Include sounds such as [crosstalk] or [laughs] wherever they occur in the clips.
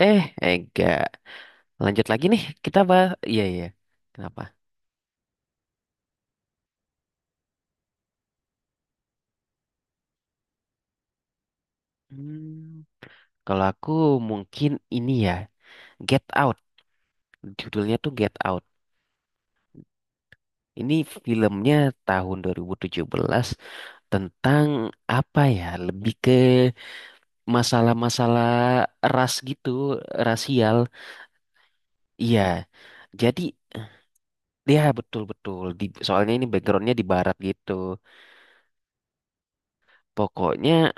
Eh, enggak. Lanjut lagi nih. Kita bahas. Iya, iya. Kenapa? Hmm. Kalau aku mungkin ini ya. Get Out. Judulnya tuh Get Out. Ini filmnya tahun 2017 tentang apa ya? Lebih ke masalah-masalah ras gitu, rasial. Iya. Jadi, ya betul-betul. Di, soalnya ini backgroundnya di barat gitu. Pokoknya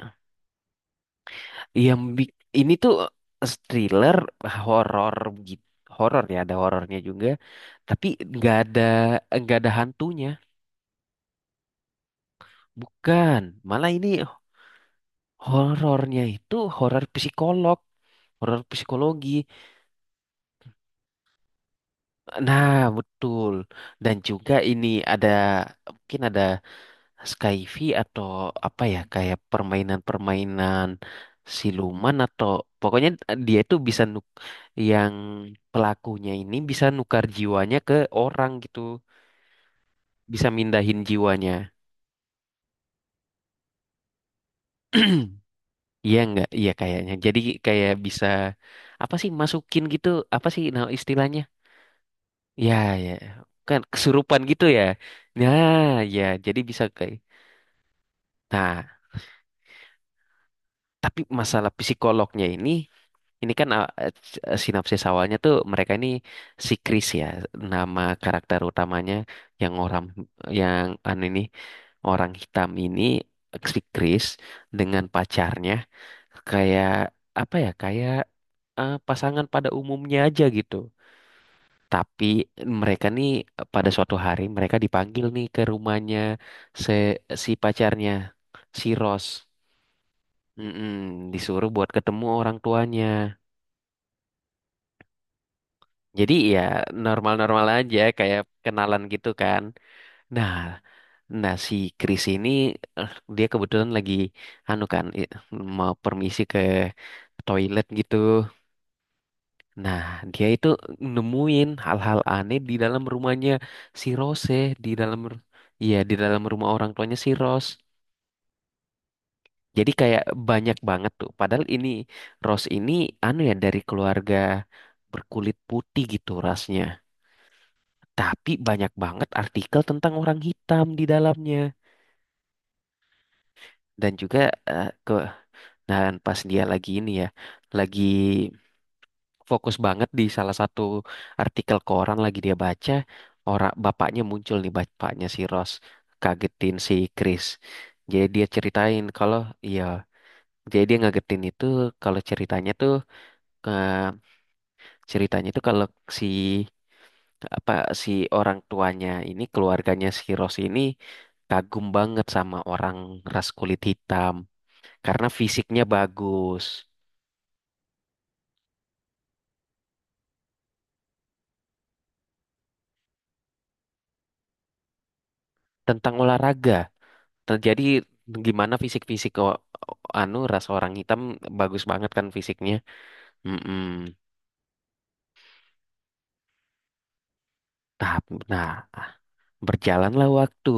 Yang bik- ini tuh thriller, horor gitu, horor ya ada horornya juga, tapi nggak ada nggak ada hantunya, bukan. Malah ini horornya itu horor psikolog, horor psikologi. Nah, betul. Dan juga ini ada mungkin ada Skyfi atau apa ya kayak permainan-permainan siluman atau pokoknya dia itu bisa nuk yang pelakunya ini bisa nukar jiwanya ke orang gitu bisa mindahin jiwanya [clears throat] iya nggak iya kayaknya jadi kayak bisa apa sih masukin gitu apa sih nah istilahnya ya ya kan kesurupan gitu ya nah ya jadi bisa kayak nah tapi masalah psikolognya ini. Ini kan sinopsis awalnya tuh mereka ini si Chris ya, nama karakter utamanya yang orang yang an ini, orang hitam ini, si Chris dengan pacarnya, kayak apa ya kayak pasangan pada umumnya aja gitu. Tapi mereka nih pada suatu hari mereka dipanggil nih ke rumahnya se si pacarnya, si Ross. Mm-mm, disuruh buat ketemu orang tuanya. Jadi ya normal-normal aja kayak kenalan gitu kan. Nah, nah, si Chris ini dia kebetulan lagi anu kan, mau permisi ke toilet gitu. Nah, dia itu nemuin hal-hal aneh di dalam rumahnya si Rose, di dalam ru- iya, di dalam rumah orang tuanya si Rose. Jadi kayak banyak banget tuh. Padahal ini Rose ini anu ya, dari keluarga berkulit putih gitu rasnya. Tapi banyak banget artikel tentang orang hitam di dalamnya. Dan juga eh, ke dan pas dia lagi ini ya, lagi fokus banget di salah satu artikel koran lagi dia baca, orang bapaknya muncul nih, bapaknya si Ross, kagetin si Chris. Jadi dia ceritain kalau iya, jadi dia ngagetin itu kalau eh, ceritanya itu kalau si apa si orang tuanya ini, keluarganya si Rose ini, kagum banget sama orang ras kulit hitam karena fisiknya bagus. Tentang olahraga, terjadi gimana fisik-fisik anu, ras orang hitam bagus banget kan fisiknya. Mm-mm. Nah, nah, berjalanlah waktu.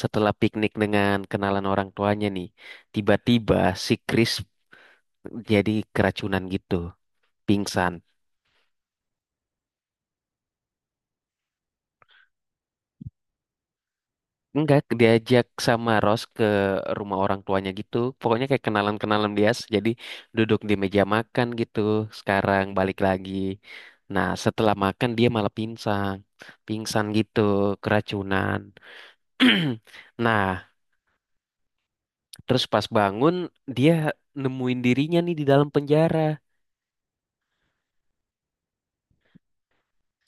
Setelah piknik dengan kenalan orang tuanya nih, tiba-tiba si Chris jadi keracunan gitu, pingsan. Enggak, diajak sama Ros ke rumah orang tuanya gitu. Pokoknya kayak kenalan-kenalan dia, jadi duduk di meja makan gitu. Sekarang balik lagi. Nah, setelah makan dia malah pingsan. Pingsan gitu, keracunan. [clears throat] Nah, terus pas bangun dia nemuin dirinya nih di dalam penjara.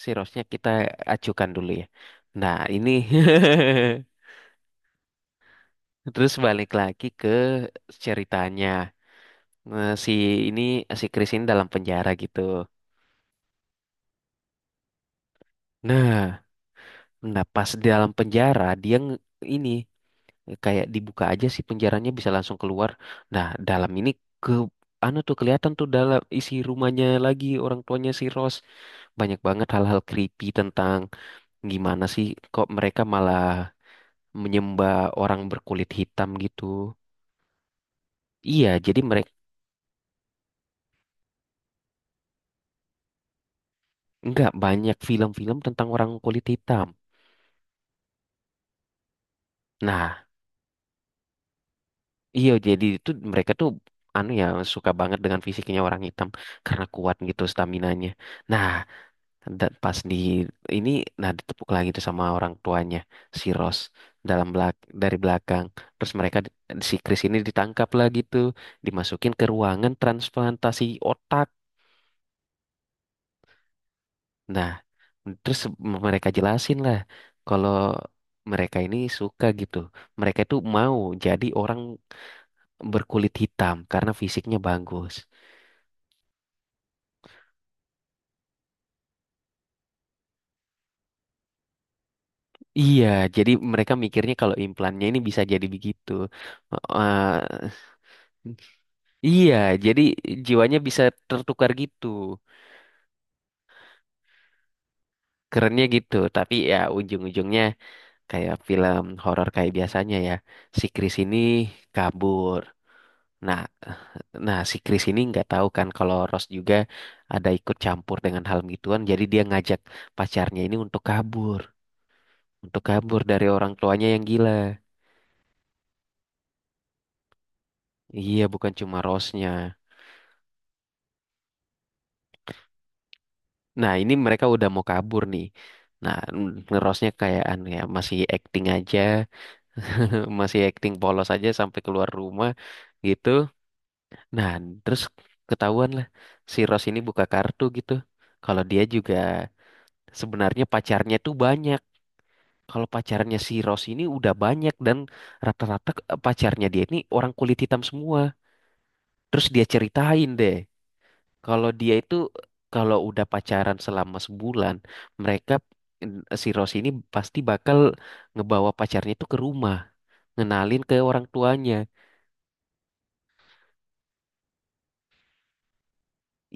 Si Rosnya kita acukan dulu ya. Nah, ini [laughs] terus balik lagi ke ceritanya. Nah, ini si Chris ini dalam penjara gitu. Nah, nah, pas di dalam penjara dia ini, kayak dibuka aja sih penjaranya, bisa langsung keluar. Nah, dalam ini ke anu tuh, kelihatan tuh dalam isi rumahnya lagi, orang tuanya si Ross. Banyak banget hal-hal creepy tentang gimana sih kok mereka malah menyembah orang berkulit hitam gitu. Iya, jadi mereka nggak, banyak film-film tentang orang kulit hitam. Nah, iya, jadi itu mereka tuh anu ya, suka banget dengan fisiknya orang hitam karena kuat gitu staminanya. Nah, pas di ini, nah ditepuk lagi tuh sama orang tuanya si Ross, dalam belak dari belakang. Terus si Chris ini ditangkap lah gitu, dimasukin ke ruangan transplantasi otak. Nah, terus mereka jelasin lah kalau mereka ini suka gitu. Mereka itu mau jadi orang berkulit hitam karena fisiknya bagus. Iya, jadi mereka mikirnya kalau implannya ini bisa jadi begitu. Eh, iya, jadi jiwanya bisa tertukar gitu. Kerennya gitu, tapi ya ujung-ujungnya kayak film horor kayak biasanya ya. Si Chris ini kabur. Nah, nah, si Chris ini nggak tahu kan kalau Ross juga ada ikut campur dengan hal gituan, jadi dia ngajak pacarnya ini untuk kabur dari orang tuanya yang gila. Iya, bukan cuma Rossnya. Nah, ini mereka udah mau kabur nih. Nah, ngerosnya kayak anu ya, masih acting aja, [laughs] masih acting polos aja sampai keluar rumah gitu. Nah, terus ketahuan lah si Ros ini buka kartu gitu. Kalau dia juga sebenarnya pacarnya tuh banyak. Kalau pacarnya si Ros ini udah banyak, dan rata-rata pacarnya dia ini orang kulit hitam semua. Terus dia ceritain deh. Kalau dia itu, kalau udah pacaran selama sebulan, mereka si Rose ini pasti bakal ngebawa pacarnya itu ke rumah, ngenalin ke orang tuanya.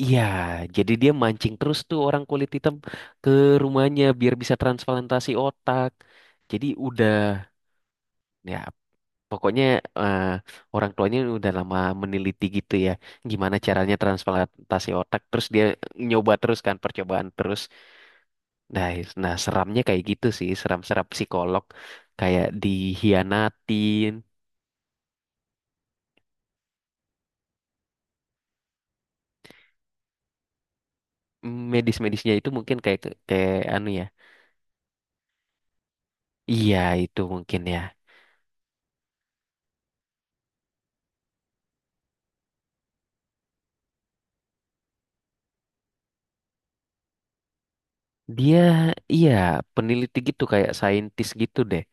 Iya, jadi dia mancing terus tuh orang kulit hitam ke rumahnya biar bisa transplantasi otak. Jadi udah ya, pokoknya eh, orang tuanya udah lama meneliti gitu ya, gimana caranya transplantasi otak. Terus dia nyoba terus, kan percobaan terus. Nah, nah, seramnya kayak gitu sih, seram-seram psikolog, kayak dihianatin. Medis-medisnya itu mungkin kayak kayak anu ya. Iya, itu mungkin ya. Dia, iya, peneliti gitu kayak saintis gitu deh.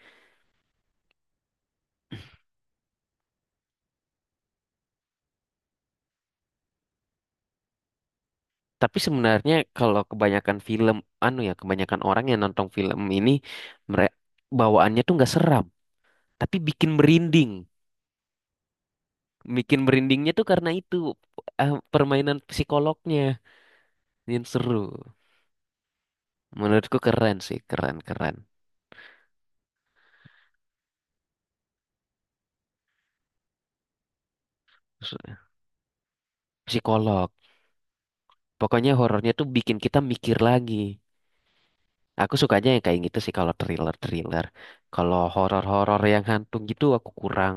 Tapi sebenarnya kalau kebanyakan film anu ya, kebanyakan orang yang nonton film ini mere- bawaannya tuh nggak seram, tapi bikin merinding. Bikin merindingnya tuh karena itu permainan psikolognya yang seru. Menurutku keren sih, keren keren. Psikolog. Pokoknya horornya tuh bikin kita mikir lagi. Aku sukanya yang kayak gitu sih kalau thriller-thriller. Kalau horor-horor yang hantu gitu aku kurang.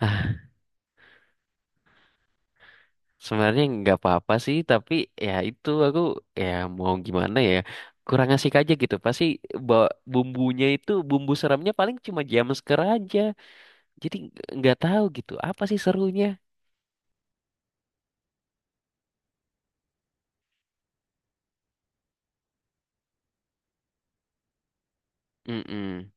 Ah, sebenarnya nggak apa-apa sih, tapi ya itu aku, ya mau gimana ya. Kurang asik aja gitu. Pasti bawa bumbunya itu, bumbu seramnya paling cuma jumpscare aja. Jadi nggak tahu gitu apa sih serunya. Mm-mm.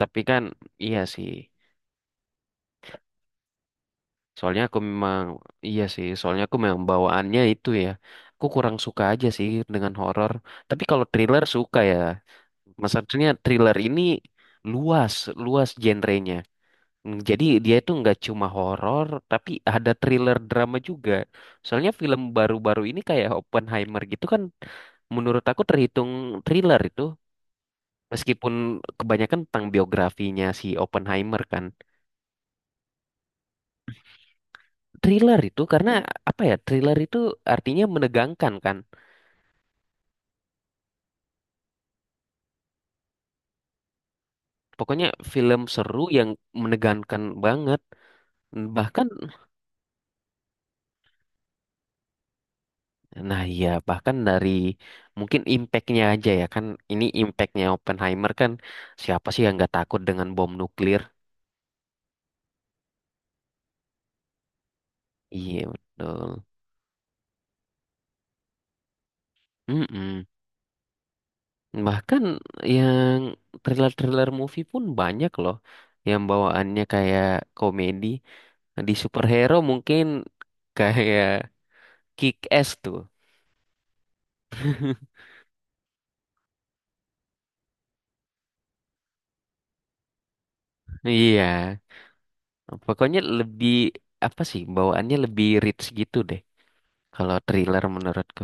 Tapi kan iya sih. Soalnya aku memang, iya sih, soalnya aku memang bawaannya itu ya. Aku kurang suka aja sih dengan horor. Tapi kalau thriller suka ya. Maksudnya thriller ini luas, luas genrenya. Hmm, jadi dia itu nggak cuma horor, tapi ada thriller drama juga. Soalnya film baru-baru ini kayak Oppenheimer gitu kan, menurut aku terhitung thriller itu. Meskipun kebanyakan tentang biografinya si Oppenheimer kan. Thriller itu karena apa ya? Thriller itu artinya menegangkan kan. Pokoknya film seru yang menegangkan banget. Bahkan, nah iya, bahkan dari mungkin impactnya aja ya kan. Ini impactnya Oppenheimer kan. Siapa sih yang nggak takut dengan bom nuklir? Iya betul. Mm-mm. Bahkan yang thriller-thriller movie pun banyak loh. Yang bawaannya kayak komedi. Di superhero mungkin kayak Kick Ass tuh. Iya, pokoknya lebih, apa sih, bawaannya lebih rich gitu deh. Kalau thriller menurutku.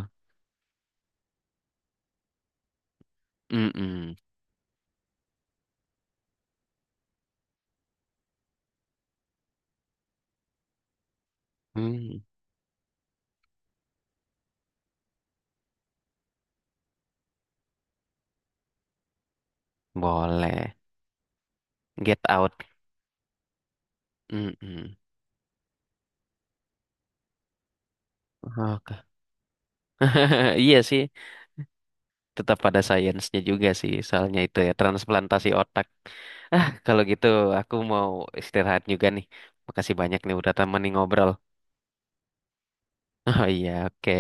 Mm-mm. Hmm, boleh. Get Out. Mm-mm. Oke. [laughs] Iya sih, tetap pada sainsnya juga sih. Soalnya itu ya transplantasi otak. Ah, kalau gitu aku mau istirahat juga nih. Makasih banyak nih udah temenin ngobrol. [laughs] Oh iya, oke.